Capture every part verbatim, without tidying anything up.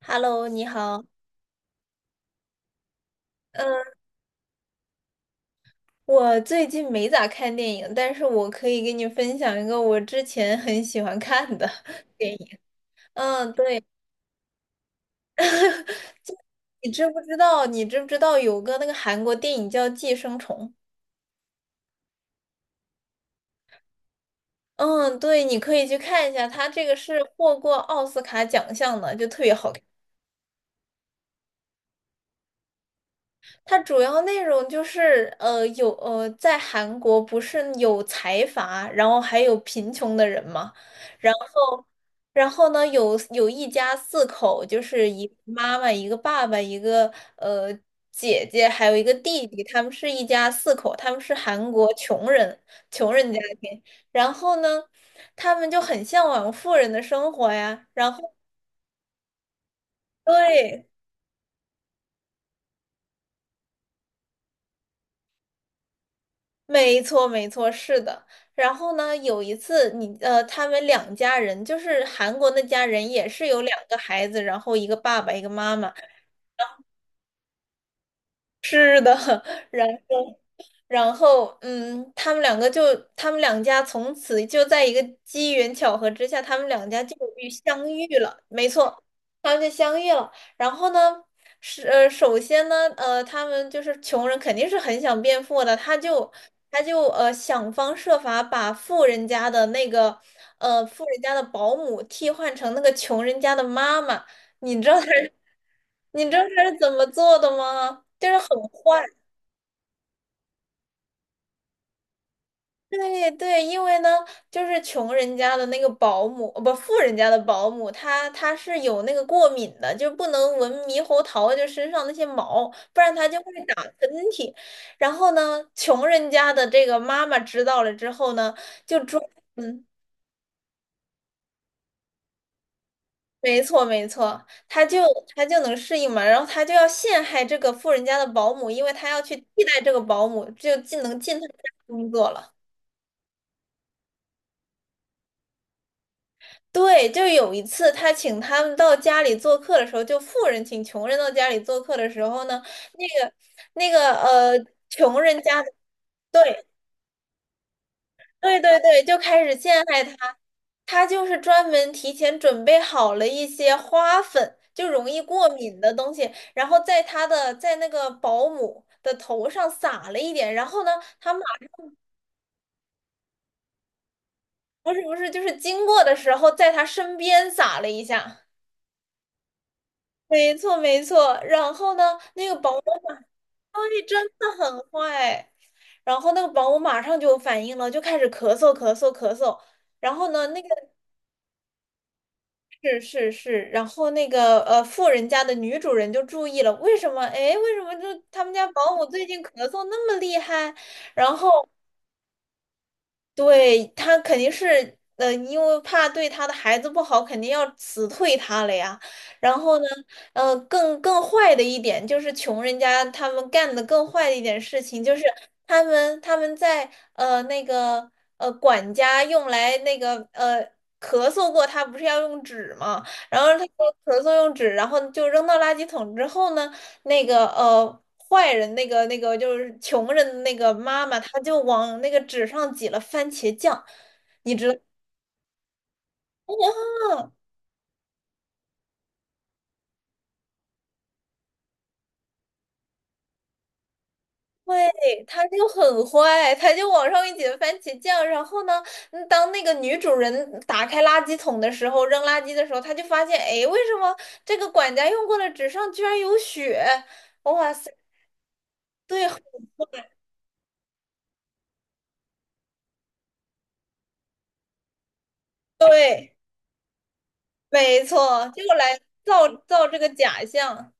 Hello，你好。嗯，我最近没咋看电影，但是我可以给你分享一个我之前很喜欢看的 电影。嗯，对，你知不知道？你知不知道有个那个韩国电影叫《寄生虫》？嗯，对，你可以去看一下，它这个是获过奥斯卡奖项的，就特别好看。它主要内容就是，呃，有呃，在韩国不是有财阀，然后还有贫穷的人嘛，然后，然后呢，有有一家四口，就是一个妈妈、一个爸爸、一个呃姐姐，还有一个弟弟，他们是一家四口，他们是韩国穷人，穷人家庭，然后呢，他们就很向往富人的生活呀。然后，对，没错，没错，是的。然后呢，有一次你呃，他们两家人，就是韩国那家人，也是有两个孩子，然后一个爸爸，一个妈妈。是的，然。然后，嗯，他们两个就，他们两家从此就在一个机缘巧合之下，他们两家就遇相遇了。没错，他们就相遇了。然后呢，是呃，首先呢，呃，他们就是穷人，肯定是很想变富的，他就他就呃想方设法把富人家的那个呃富人家的保姆替换成那个穷人家的妈妈。你知道他是，你知道他是怎么做的吗？就是很坏。对对，因为呢，就是穷人家的那个保姆，呃不，富人家的保姆，她她是有那个过敏的，就不能闻猕猴桃，就身上那些毛，不然她就会打喷嚏。然后呢，穷人家的这个妈妈知道了之后呢，就装，嗯，没错，没错，她就她就能适应嘛，然后她就要陷害这个富人家的保姆，因为她要去替代这个保姆，就进能进她家工作了。对，就有一次他请他们到家里做客的时候，就富人请穷人到家里做客的时候呢，那个那个呃，穷人家的，对对对，对，就开始陷害他。他就是专门提前准备好了一些花粉，就容易过敏的东西，然后在他的在那个保姆的头上撒了一点，然后呢，他马不是不是就是经过的时候在他身边撒了一下。没错，没错。然后呢，那个保对，真的很坏。然后那个保姆马上就有反应了，就开始咳嗽咳嗽咳嗽。然后呢，那个是是是，然后那个呃富人家的女主人就注意了，为什么？哎，为什么就他们家保姆最近咳嗽那么厉害？然后，对，他肯定是，呃，因为怕对他的孩子不好，肯定要辞退他了呀。然后呢，呃，更更坏的一点就是穷人家他们干的更坏的一点事情，就是他们他们在呃那个呃管家用来那个呃咳嗽过，他不是要用纸嘛，然后他说咳嗽用纸，然后就扔到垃圾桶之后呢。那个呃坏人那个那个就是穷人的那个妈妈，她就往那个纸上挤了番茄酱，你知道吗？对，她就很坏，她就往上面挤了番茄酱。然后呢，嗯当那个女主人打开垃圾桶的时候，扔垃圾的时候，她就发现，哎，为什么这个管家用过的纸上居然有血？哇塞，对对，没错，就来造造这个假象，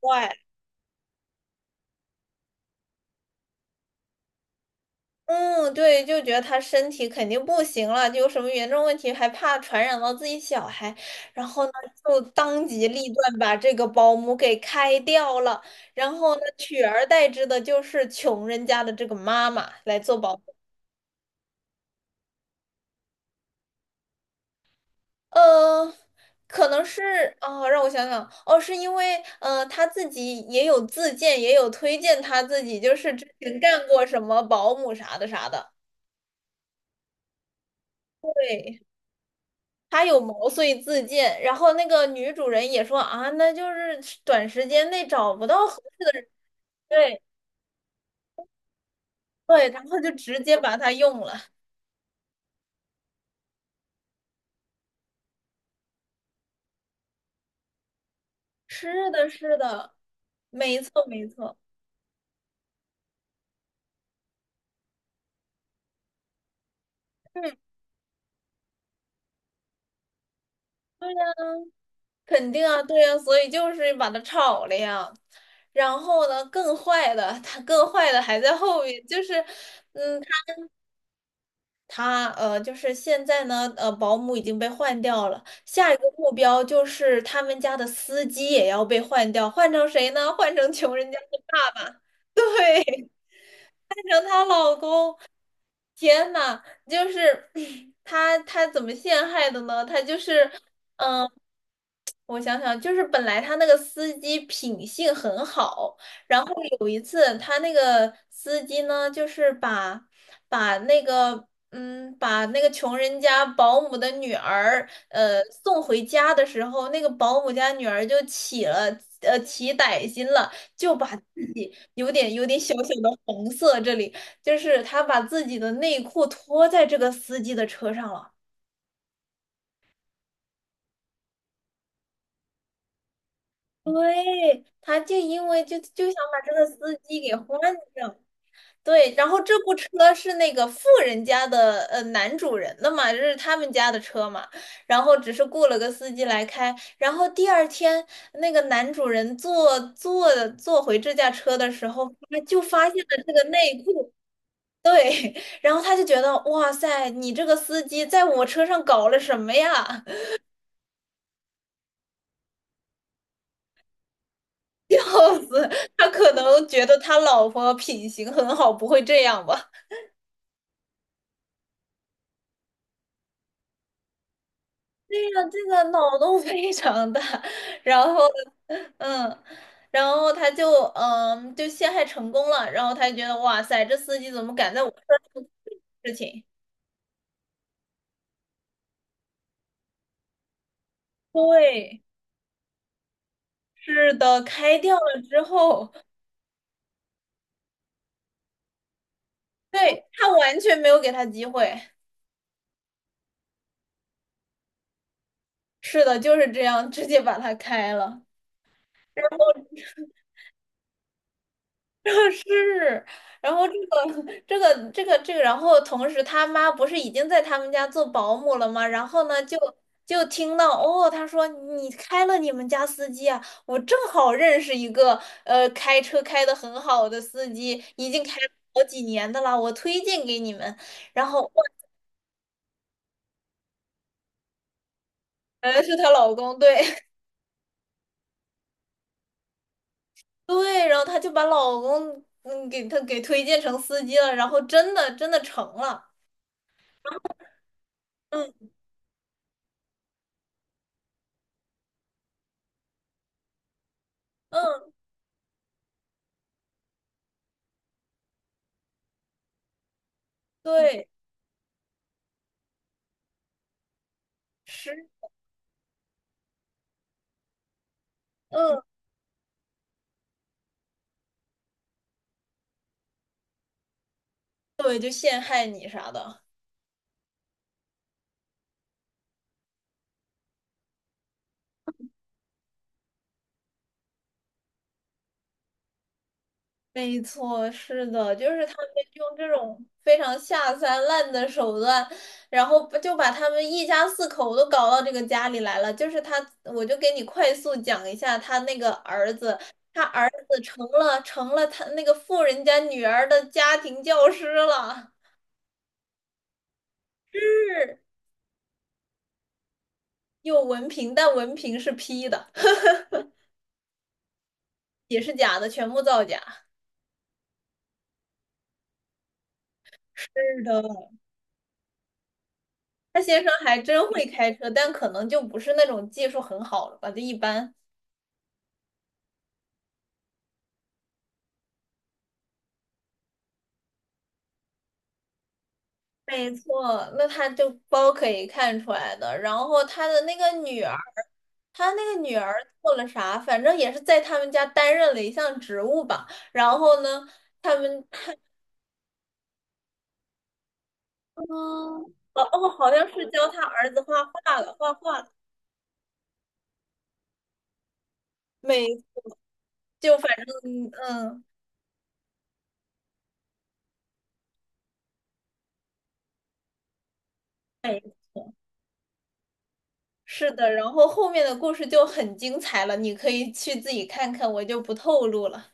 坏。嗯，对，就觉得他身体肯定不行了，就有什么严重问题，还怕传染到自己小孩，然后呢，就当机立断把这个保姆给开掉了，然后呢，取而代之的就是穷人家的这个妈妈来做保姆。呃，可能是哦，让我想想，哦，是因为呃，他自己也有自荐，也有推荐他自己，就是之前干过什么保姆啥的啥的，对。他有毛遂自荐，然后那个女主人也说啊，那就是短时间内找不到合对对，然后就直接把它用了。是的，是的，没错，没错，嗯，肯定啊，对啊，所以就是把它炒了呀。然后呢，更坏的，它更坏的还在后面，就是，嗯，他呃，就是现在呢，呃，保姆已经被换掉了，下一个目标就是他们家的司机也要被换掉，换成谁呢？换成穷人家的爸爸，对，换成她老公。天呐，就是 他他怎么陷害的呢？他就是。嗯。我想想，就是本来他那个司机品性很好，然后有一次他那个司机呢，就是把把那个嗯，把那个穷人家保姆的女儿呃送回家的时候，那个保姆家女儿就起了呃起歹心了，就把自己有点有点小小的红色这里，就是他把自己的内裤脱在这个司机的车上了。对，他就因为就就想把这个司机给换掉，对，然后这部车是那个富人家的呃男主人的嘛，这是他们家的车嘛，然后只是雇了个司机来开，然后第二天那个男主人坐坐坐回这架车的时候，他就发现了这个内裤，对，然后他就觉得哇塞，你这个司机在我车上搞了什么呀？笑死，他可能觉得他老婆品行很好，不会这样吧？对呀，这个脑洞非常大。然后，嗯，然后他就嗯就陷害成功了。然后他就觉得哇塞，这司机怎么敢在我车上做事情？对，是的，开掉了之后，对，他完全没有给他机会。是的，就是这样，直接把他开了。然后。是，然后这个这个这个这个，然后同时他妈不是已经在他们家做保姆了吗？然后呢，就就听到哦，他说你开了你们家司机啊，我正好认识一个呃开车开的很好的司机，已经开了好几年的啦，我推荐给你们。然后哇，原来是她老公，对 对，然后她就把老公嗯给她给推荐成司机了，然后真的真的成了，嗯嗯，对，是。嗯。对，就陷害你啥的。没错，是的，就是他们用这种非常下三滥的手段，然后不就把他们一家四口都搞到这个家里来了。就是他，我就给你快速讲一下他那个儿子，他儿子成了成了他那个富人家女儿的家庭教师了，是，有文凭，但文凭是批的，也是假的，全部造假。是的。他先生还真会开车，但可能就不是那种技术很好了吧，就一般。没错，那他就包可以看出来的。然后他的那个女儿，他那个女儿做了啥？反正也是在他们家担任了一项职务吧。然后呢，他们嗯，哦哦，好像是教他儿子画画了，画画了。每就反正嗯，是的。然后后面的故事就很精彩了，你可以去自己看看，我就不透露了。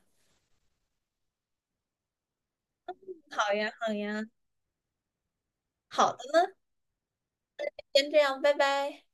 好呀，好呀。好的，先这样，拜拜。